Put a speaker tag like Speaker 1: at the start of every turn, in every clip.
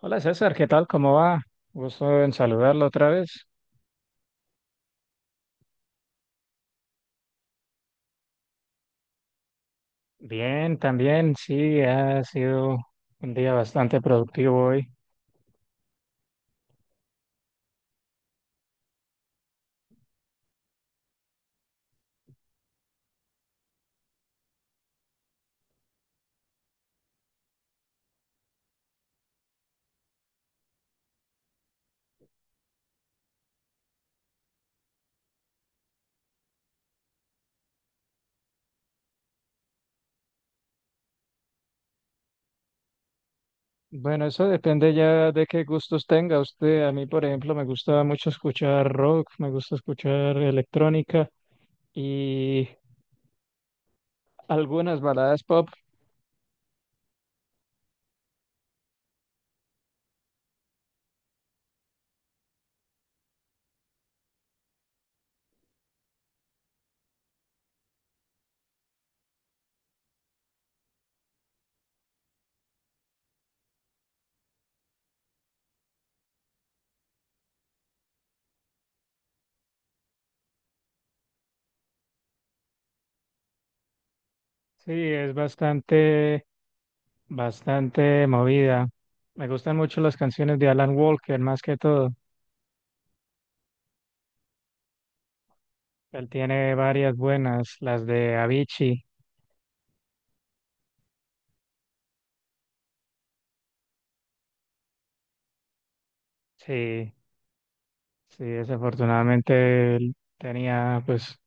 Speaker 1: Hola César, ¿qué tal? ¿Cómo va? Gusto en saludarlo otra vez. Bien, también, sí, ha sido un día bastante productivo hoy. Bueno, eso depende ya de qué gustos tenga usted. A mí, por ejemplo, me gusta mucho escuchar rock, me gusta escuchar electrónica y algunas baladas pop. Sí, es bastante, bastante movida. Me gustan mucho las canciones de Alan Walker, más que todo. Él tiene varias buenas, las de Avicii. Sí. Sí, desafortunadamente él tenía pues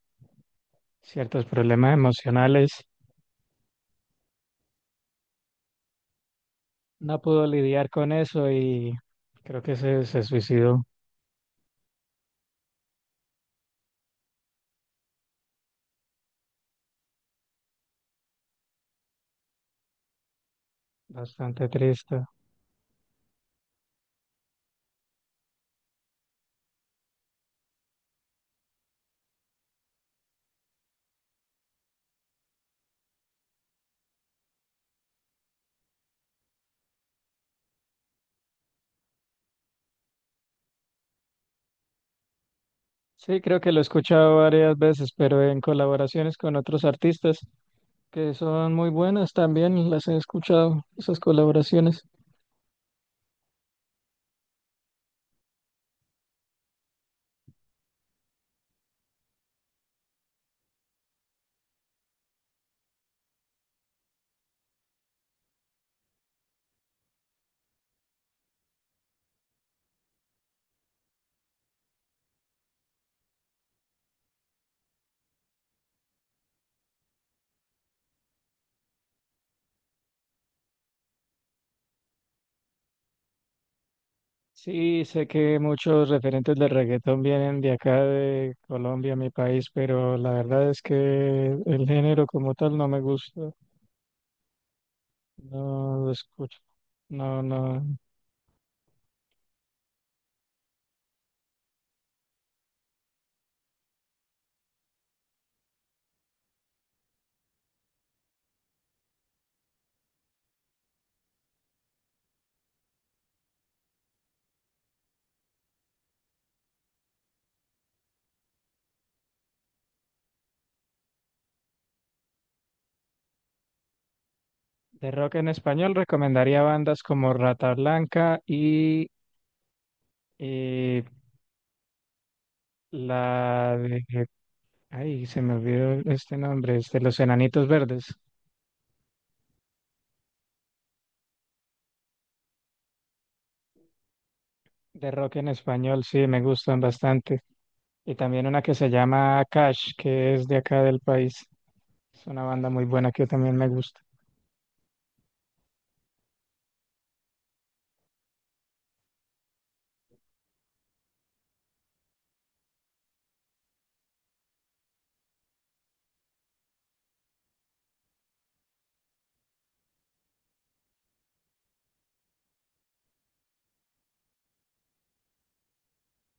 Speaker 1: ciertos problemas emocionales, no pudo lidiar con eso y creo que se suicidó, bastante triste. Sí, creo que lo he escuchado varias veces, pero en colaboraciones con otros artistas que son muy buenas también, las he escuchado, esas colaboraciones. Sí, sé que muchos referentes del reggaetón vienen de acá, de Colombia, mi país, pero la verdad es que el género como tal no me gusta. No lo escucho. No, no. De rock en español recomendaría bandas como Rata Blanca y eh, la de... Ay, se me olvidó este nombre, es de Los Enanitos Verdes. De rock en español, sí, me gustan bastante. Y también una que se llama Cash, que es de acá del país. Es una banda muy buena que también me gusta.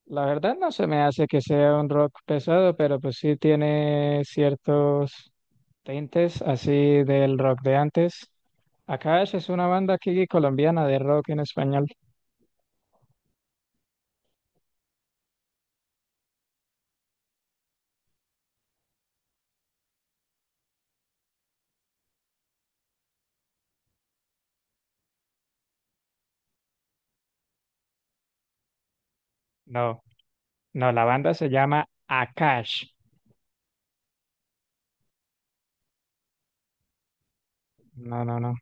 Speaker 1: La verdad no se me hace que sea un rock pesado, pero pues sí tiene ciertos tintes así del rock de antes. Akash es una banda aquí colombiana de rock en español. No, no, la banda se llama Akash. No, no, no.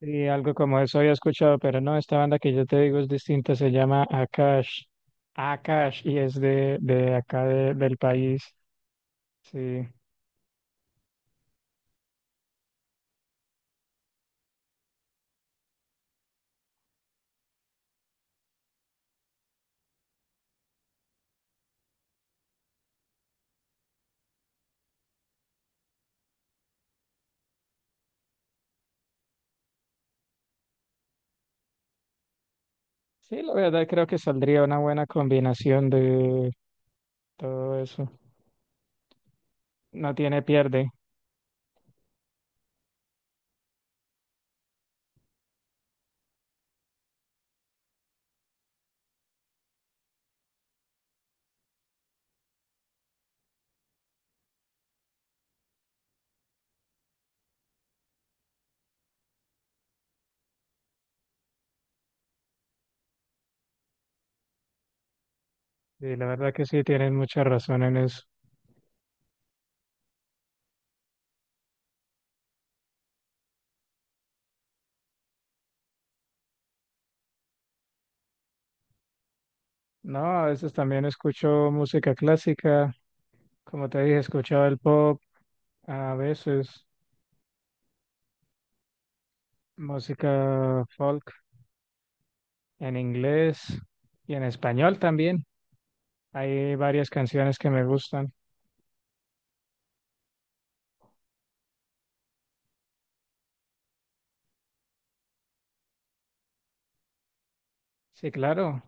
Speaker 1: Y algo como eso había escuchado, pero no, esta banda que yo te digo es distinta, se llama Akash. Akash y es de acá de- del país. Sí. Sí, la verdad creo que saldría una buena combinación de todo eso. No tiene pierde. Y la verdad que sí, tienen mucha razón en eso. No, a veces también escucho música clásica. Como te dije, escuchaba el pop, a veces música folk en inglés y en español también. Hay varias canciones que me gustan. Sí, claro.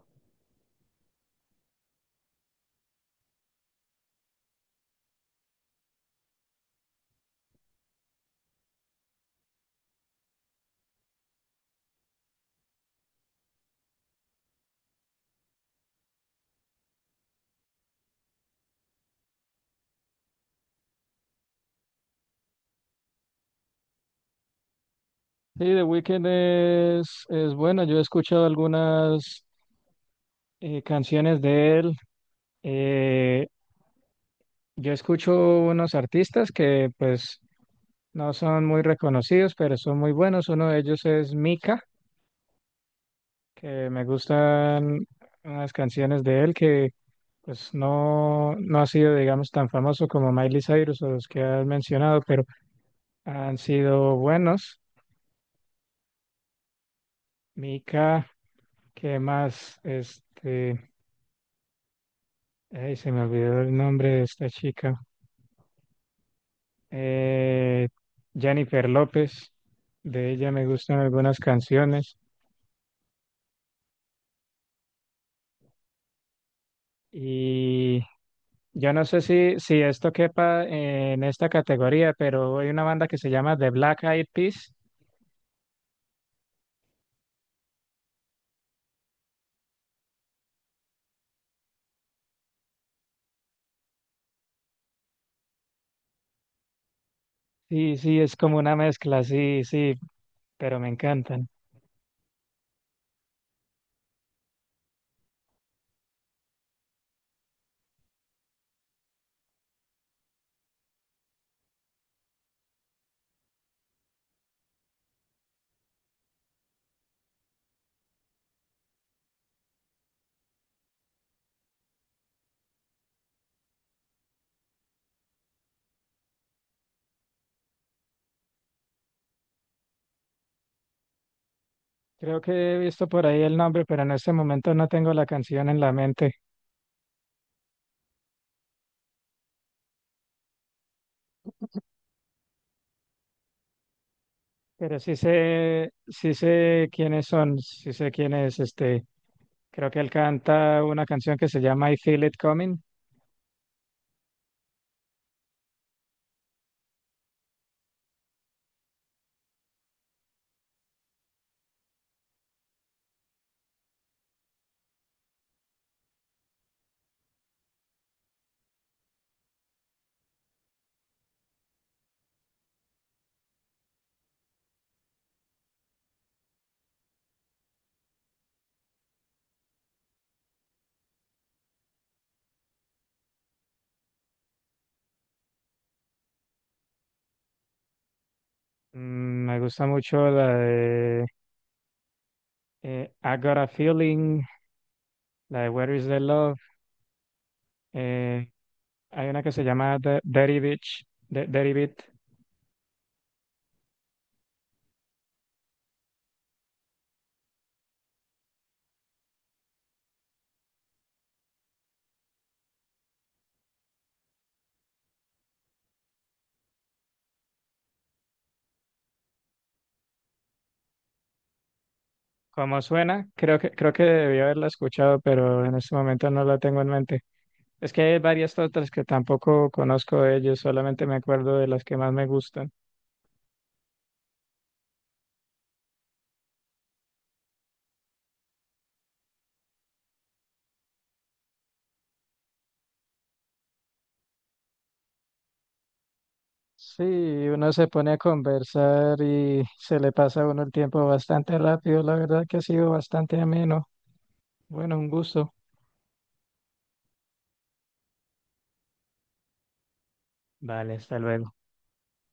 Speaker 1: Sí, The Weeknd es bueno. Yo he escuchado algunas canciones de él. Eh, yo escucho unos artistas que pues no son muy reconocidos, pero son muy buenos. Uno de ellos es Mika, que me gustan unas canciones de él que pues no, no ha sido, digamos, tan famoso como Miley Cyrus o los que has mencionado, pero han sido buenos. Mika, ¿qué más? Este, ay, se me olvidó el nombre de esta chica. Eh, Jennifer López, de ella me gustan algunas canciones. Y yo no sé si esto quepa en esta categoría, pero hay una banda que se llama The Black Eyed Peas. Sí, sí, es como una mezcla, sí, sí, pero me encantan. Creo que he visto por ahí el nombre, pero en este momento no tengo la canción en la mente. Pero sí sé quiénes son, sí sé quién es este. Creo que él canta una canción que se llama I Feel It Coming. Mm, me gusta mucho la de I Got a Feeling, la de Where Is the Love. eh, Hay una que se llama The Dirty Beach, de Dirty Beat. ¿Cómo suena? Creo que debí haberla escuchado, pero en este momento no la tengo en mente. Es que hay varias otras que tampoco conozco de ellos, solamente me acuerdo de las que más me gustan. Sí, uno se pone a conversar y se le pasa a uno el tiempo bastante rápido. La verdad que ha sido bastante ameno. Bueno, un gusto. Vale, hasta luego.